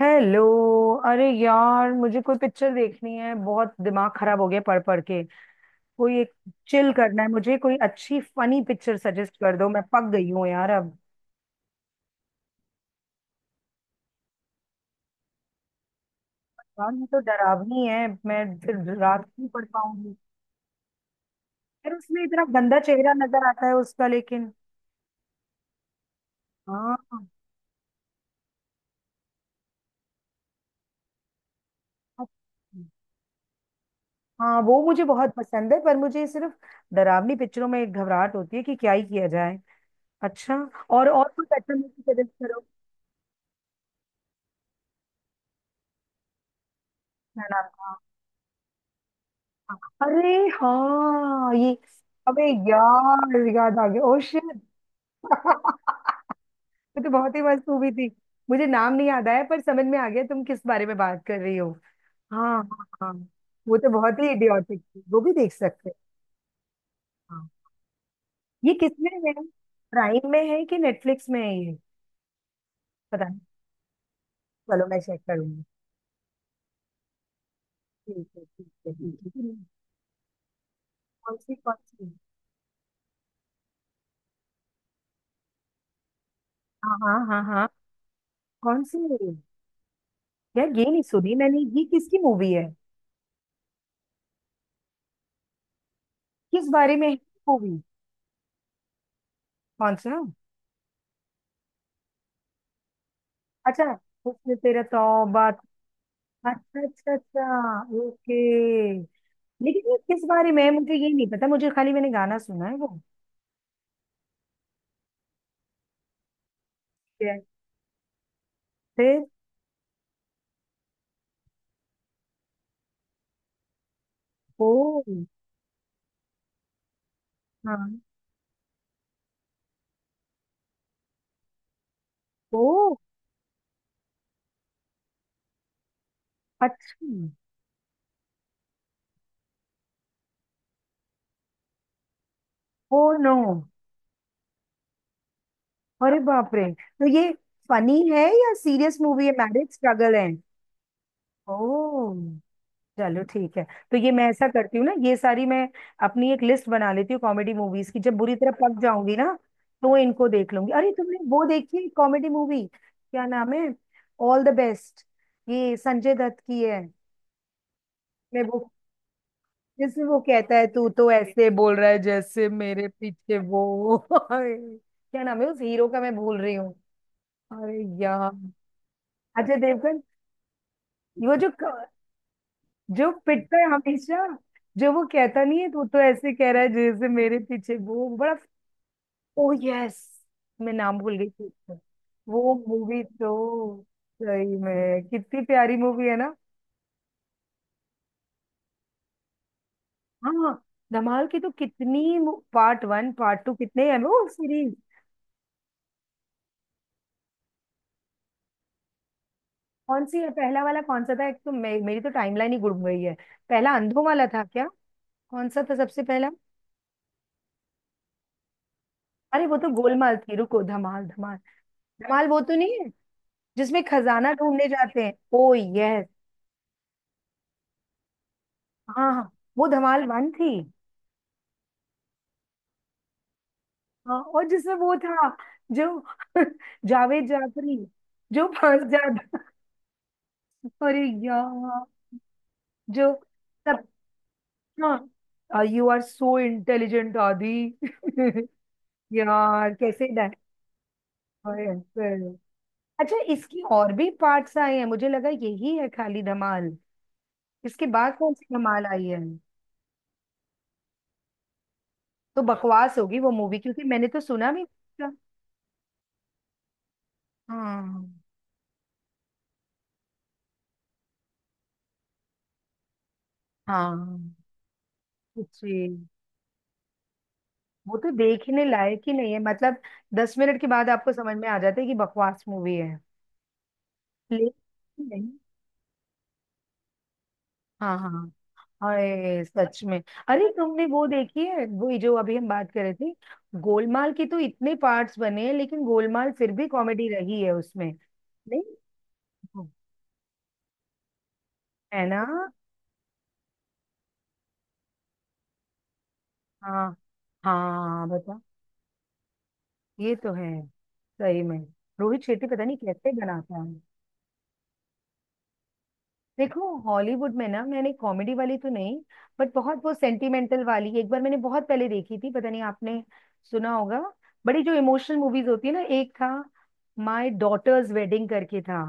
Hello. अरे यार, मुझे कोई पिक्चर देखनी है, बहुत दिमाग खराब हो गया पढ़ पढ़ के। कोई एक चिल करना है मुझे, कोई अच्छी फनी पिक्चर सजेस्ट कर दो, मैं पक गई हूँ यार अब। यार ये तो डरावनी है, मैं फिर रात को नहीं पढ़ पाऊंगी। फिर उसमें इतना गंदा चेहरा नजर आता है उसका लेकिन। हाँ। हाँ वो मुझे बहुत पसंद है, पर मुझे सिर्फ डरावनी पिक्चरों में एक घबराहट होती है कि क्या ही किया जाए। अच्छा। और कुछ अच्छा मुझे सजेस्ट करो। है ना। अरे, हाँ ये। अबे यार याद आ गया, ओ शिट। ये तो बहुत ही मस्त मूवी थी। मुझे नाम नहीं याद आया पर समझ में आ गया तुम किस बारे में बात कर रही हो। हाँ, हाँ, हाँ। वो तो बहुत ही इडियोटिक थी, वो भी देख सकते हैं। हाँ। ये किसमें है? प्राइम में है कि नेटफ्लिक्स में है ये? पता नहीं, चलो मैं चेक करूंगी। ठीक है, ठीक है, ठीक है। कौन सी, कौन सी? हाँ, हाँ, हाँ, हाँ। कौन सी है? यार ये नहीं सुनी मैंने, ये किसकी मूवी है? किस बारे में है मूवी? कौन सा? अच्छा। उसने तेरा तौबा? अच्छा, अच्छा, अच्छा। ओके। लेकिन ये किस बारे में है, मुझे ये नहीं पता, मुझे खाली, मैंने गाना सुना है वो। ठीक है। फिर? ओ। हाँ। ओ। अच्छा। Oh no. अरे बाप रे, तो ये फनी है या सीरियस मूवी है, मैरिज स्ट्रगल है? ओ। चलो ठीक है। तो ये मैं ऐसा करती हूँ ना, ये सारी मैं अपनी एक लिस्ट बना लेती हूँ कॉमेडी मूवीज की, जब बुरी तरह पक जाऊंगी ना तो इनको देख लूंगी। अरे तुमने वो देखी है कॉमेडी मूवी, क्या नाम है, ऑल द बेस्ट? ये संजय दत्त की है। मैं वो, जिसमें वो कहता है तू तो ऐसे बोल रहा है जैसे मेरे पीछे वो अरे, क्या नाम है उस हीरो का, मैं भूल रही हूँ। अरे यार। अजय देवगन। वो जो, जो पिटता है हमेशा। जो वो कहता नहीं है, तो ऐसे कह रहा है जैसे मेरे पीछे वो बड़ा। ओ यस। मैं नाम भूल गई थी उसका। वो मूवी तो सही में कितनी प्यारी मूवी है ना। हाँ। धमाल की तो कितनी, पार्ट वन, पार्ट टू, कितने हैं वो सीरीज? कौन सी है पहला वाला, कौन सा था? एक तो मेरी तो टाइमलाइन ही गुम गई है। पहला अंधों वाला था क्या? कौन सा था सबसे पहला? अरे वो तो गोलमाल थी। रुको, धमाल धमाल धमाल वो तो नहीं जिसमें खजाना ढूंढने जाते हैं? ओ यस। हाँ हाँ, वो धमाल वन थी। हाँ, और जिसमें वो था जो जावेद जाफरी, जो फंस जाता। अरे यार। जो सब। हाँ, यू आर सो इंटेलिजेंट आदि। यार कैसे डायरेक्टर। अच्छा, इसकी और भी पार्ट्स आए हैं? मुझे लगा यही है खाली, धमाल। इसके बाद कौन सी धमाल आई है? तो बकवास होगी वो मूवी, क्योंकि मैंने तो सुना भी नहीं था। हाँ। हाँ। जी। वो तो देखने लायक ही नहीं है मतलब, 10 मिनट के बाद आपको समझ में आ जाता है कि बकवास मूवी है। लेकिन नहीं। हाँ, हाँ। अरे सच में। अरे तुमने वो देखी है, वो जो अभी हम बात कर रहे थे, गोलमाल के तो इतने पार्ट्स बने हैं, लेकिन गोलमाल फिर भी कॉमेडी रही है उसमें। नहीं। है ना। हाँ, हाँ, बता। ये तो है। सही में। रोहित शेट्टी पता नहीं कैसे बनाता है। देखो हॉलीवुड में ना, मैंने कॉमेडी वाली तो नहीं, बट बहुत वो सेंटिमेंटल वाली एक बार मैंने बहुत पहले देखी थी, पता नहीं आपने सुना होगा। बड़ी जो इमोशनल मूवीज होती है ना, एक था माय डॉटर्स वेडिंग करके था।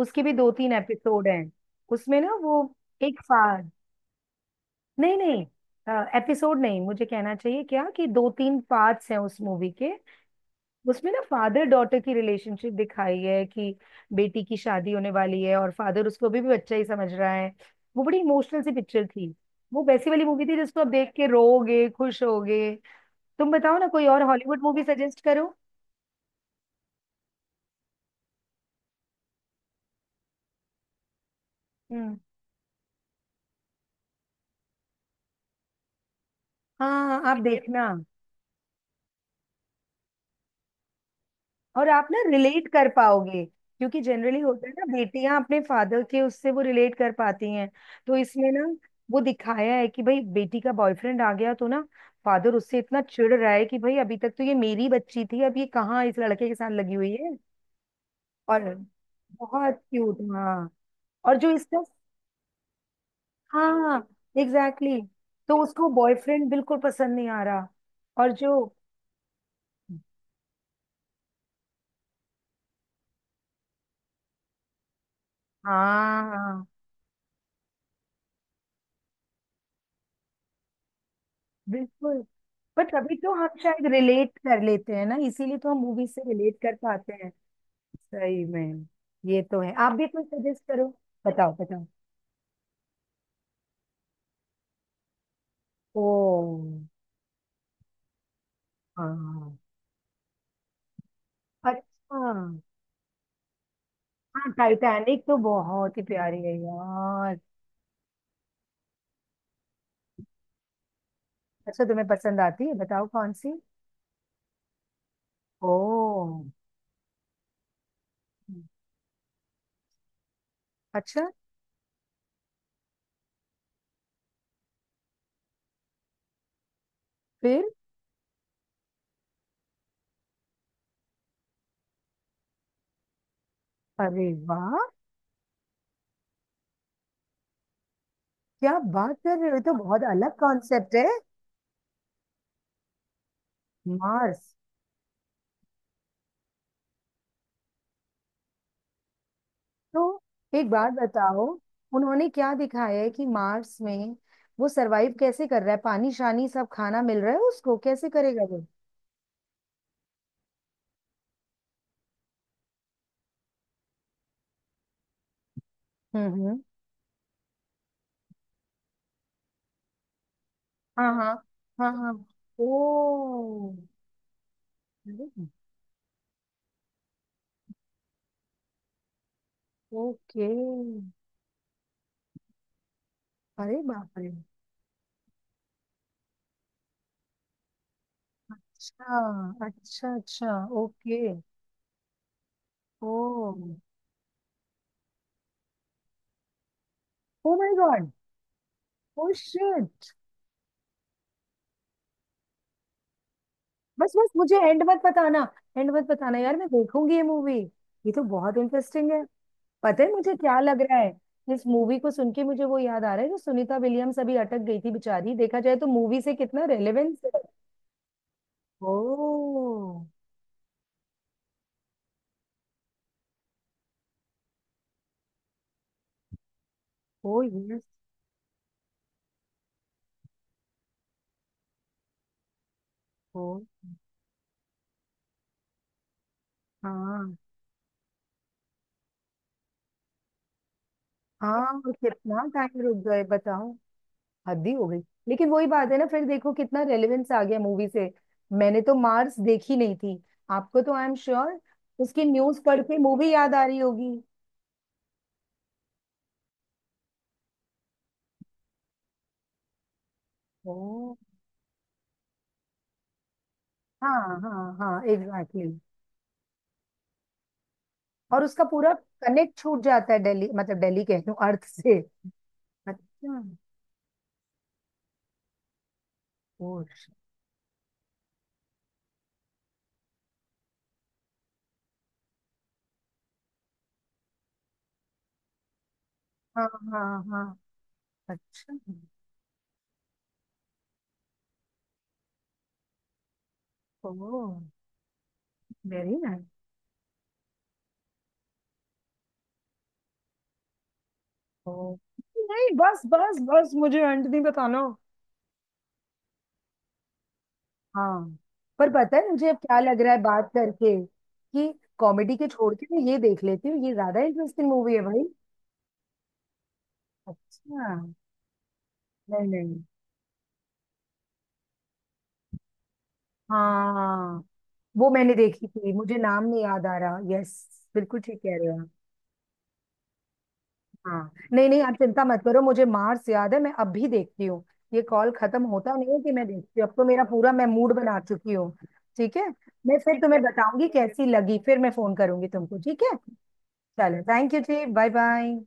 उसके भी दो तीन एपिसोड हैं। उसमें ना वो एक फाद नहीं नहीं, एपिसोड नहीं मुझे कहना चाहिए, क्या कि दो तीन पार्ट्स हैं उस मूवी के। उसमें ना फादर डॉटर की रिलेशनशिप दिखाई है, कि बेटी की शादी होने वाली है और फादर उसको अभी भी बच्चा ही समझ रहा है। वो बड़ी इमोशनल सी पिक्चर थी। वो वैसी वाली मूवी थी जिसको आप देख के रोओगे, खुश होगे। तुम बताओ ना, कोई और हॉलीवुड मूवी सजेस्ट करो। हम्म। हाँ आप देखना। और आप ना रिलेट कर पाओगे, क्योंकि जनरली होता है ना, बेटियां अपने फादर के, उससे वो रिलेट कर पाती हैं। तो इसमें ना वो दिखाया है कि भाई बेटी का बॉयफ्रेंड आ गया तो ना फादर उससे इतना चिढ़ रहा है कि भाई अभी तक तो ये मेरी बच्ची थी, अब ये कहाँ इस लड़के के साथ लगी हुई है। और बहुत क्यूट, हाँ। और जो इसका। हाँ एग्जैक्टली, exactly. तो उसको बॉयफ्रेंड बिल्कुल पसंद नहीं आ रहा। और जो, हाँ, बिल्कुल। पर तभी तो हम शायद रिलेट कर लेते हैं ना, इसीलिए तो हम मूवी से रिलेट कर पाते हैं। सही में। ये तो है, आप भी कोई सजेस्ट करो। बताओ, बताओ। ओ। हाँ, हाँ। अच्छा। हाँ टाइटैनिक तो बहुत ही प्यारी है यार। अच्छा, तुम्हें पसंद आती है? बताओ कौन सी। ओ। अच्छा। फिर? अरे वाह, क्या बात कर रहे हो, ये तो बहुत अलग कॉन्सेप्ट है। मार्स। तो एक बात बताओ, उन्होंने क्या दिखाया है कि मार्स में वो सरवाइव कैसे कर रहा है? पानी शानी सब खाना मिल रहा है उसको, कैसे करेगा वो? हम्म। हाँ, हाँ, हाँ, हाँ। ओ। अरे। ओके। अरे बाप रे। अच्छा, अच्छा, अच्छा, okay. Oh. Oh my god. Oh shit. बस बस, मुझे एंड मत बताना। एंड मत बताना यार, मैं देखूंगी ये मूवी। ये तो बहुत इंटरेस्टिंग है। पता है मुझे क्या लग रहा है, इस मूवी को सुन के मुझे वो याद आ रहा है जो सुनीता विलियम्स अभी अटक गई थी बेचारी, देखा जाए तो मूवी से कितना रेलेवेंस है। ओ। Oh yes. ओ। हाँ, हाँ कितना टाइम रुक गए बताओ, हद ही हो गई। लेकिन वही बात है ना, फिर देखो कितना रेलेवेंस आ गया मूवी से। मैंने तो मार्स देखी नहीं थी। आपको तो आई एम श्योर उसकी न्यूज पढ़ के मूवी याद आ रही होगी। ओ। हाँ, हाँ, हाँ एग्जैक्टली। और उसका पूरा कनेक्ट छूट जाता है दिल्ली, मतलब दिल्ली कह रही हूँ अर्थ से। अच्छा। ओ श-। हाँ, हाँ, हाँ। अच्छा। ओ। Very nice. ओ। नहीं बस बस बस, मुझे अंत नहीं बताना। हाँ। पर पता है मुझे अब क्या लग रहा है बात करके, कि कॉमेडी के छोड़ के मैं ये देख लेती हूँ, ये ज्यादा इंटरेस्टिंग मूवी है भाई। अच्छा। नहीं नहीं। हाँ वो मैंने देखी थी, मुझे नाम नहीं याद आ रहा, यस, बिल्कुल ठीक कह रहे हो। हाँ नहीं नहीं, आप चिंता मत करो, मुझे मार्स याद है, मैं अब भी देखती हूँ। ये कॉल खत्म होता नहीं है कि मैं देखती हूँ, अब तो मेरा पूरा, मैं मूड बना चुकी हूँ। ठीक है। मैं फिर तुम्हें बताऊंगी कैसी लगी, फिर मैं फोन करूंगी तुमको, ठीक है। चलो थैंक यू जी, बाय बाय।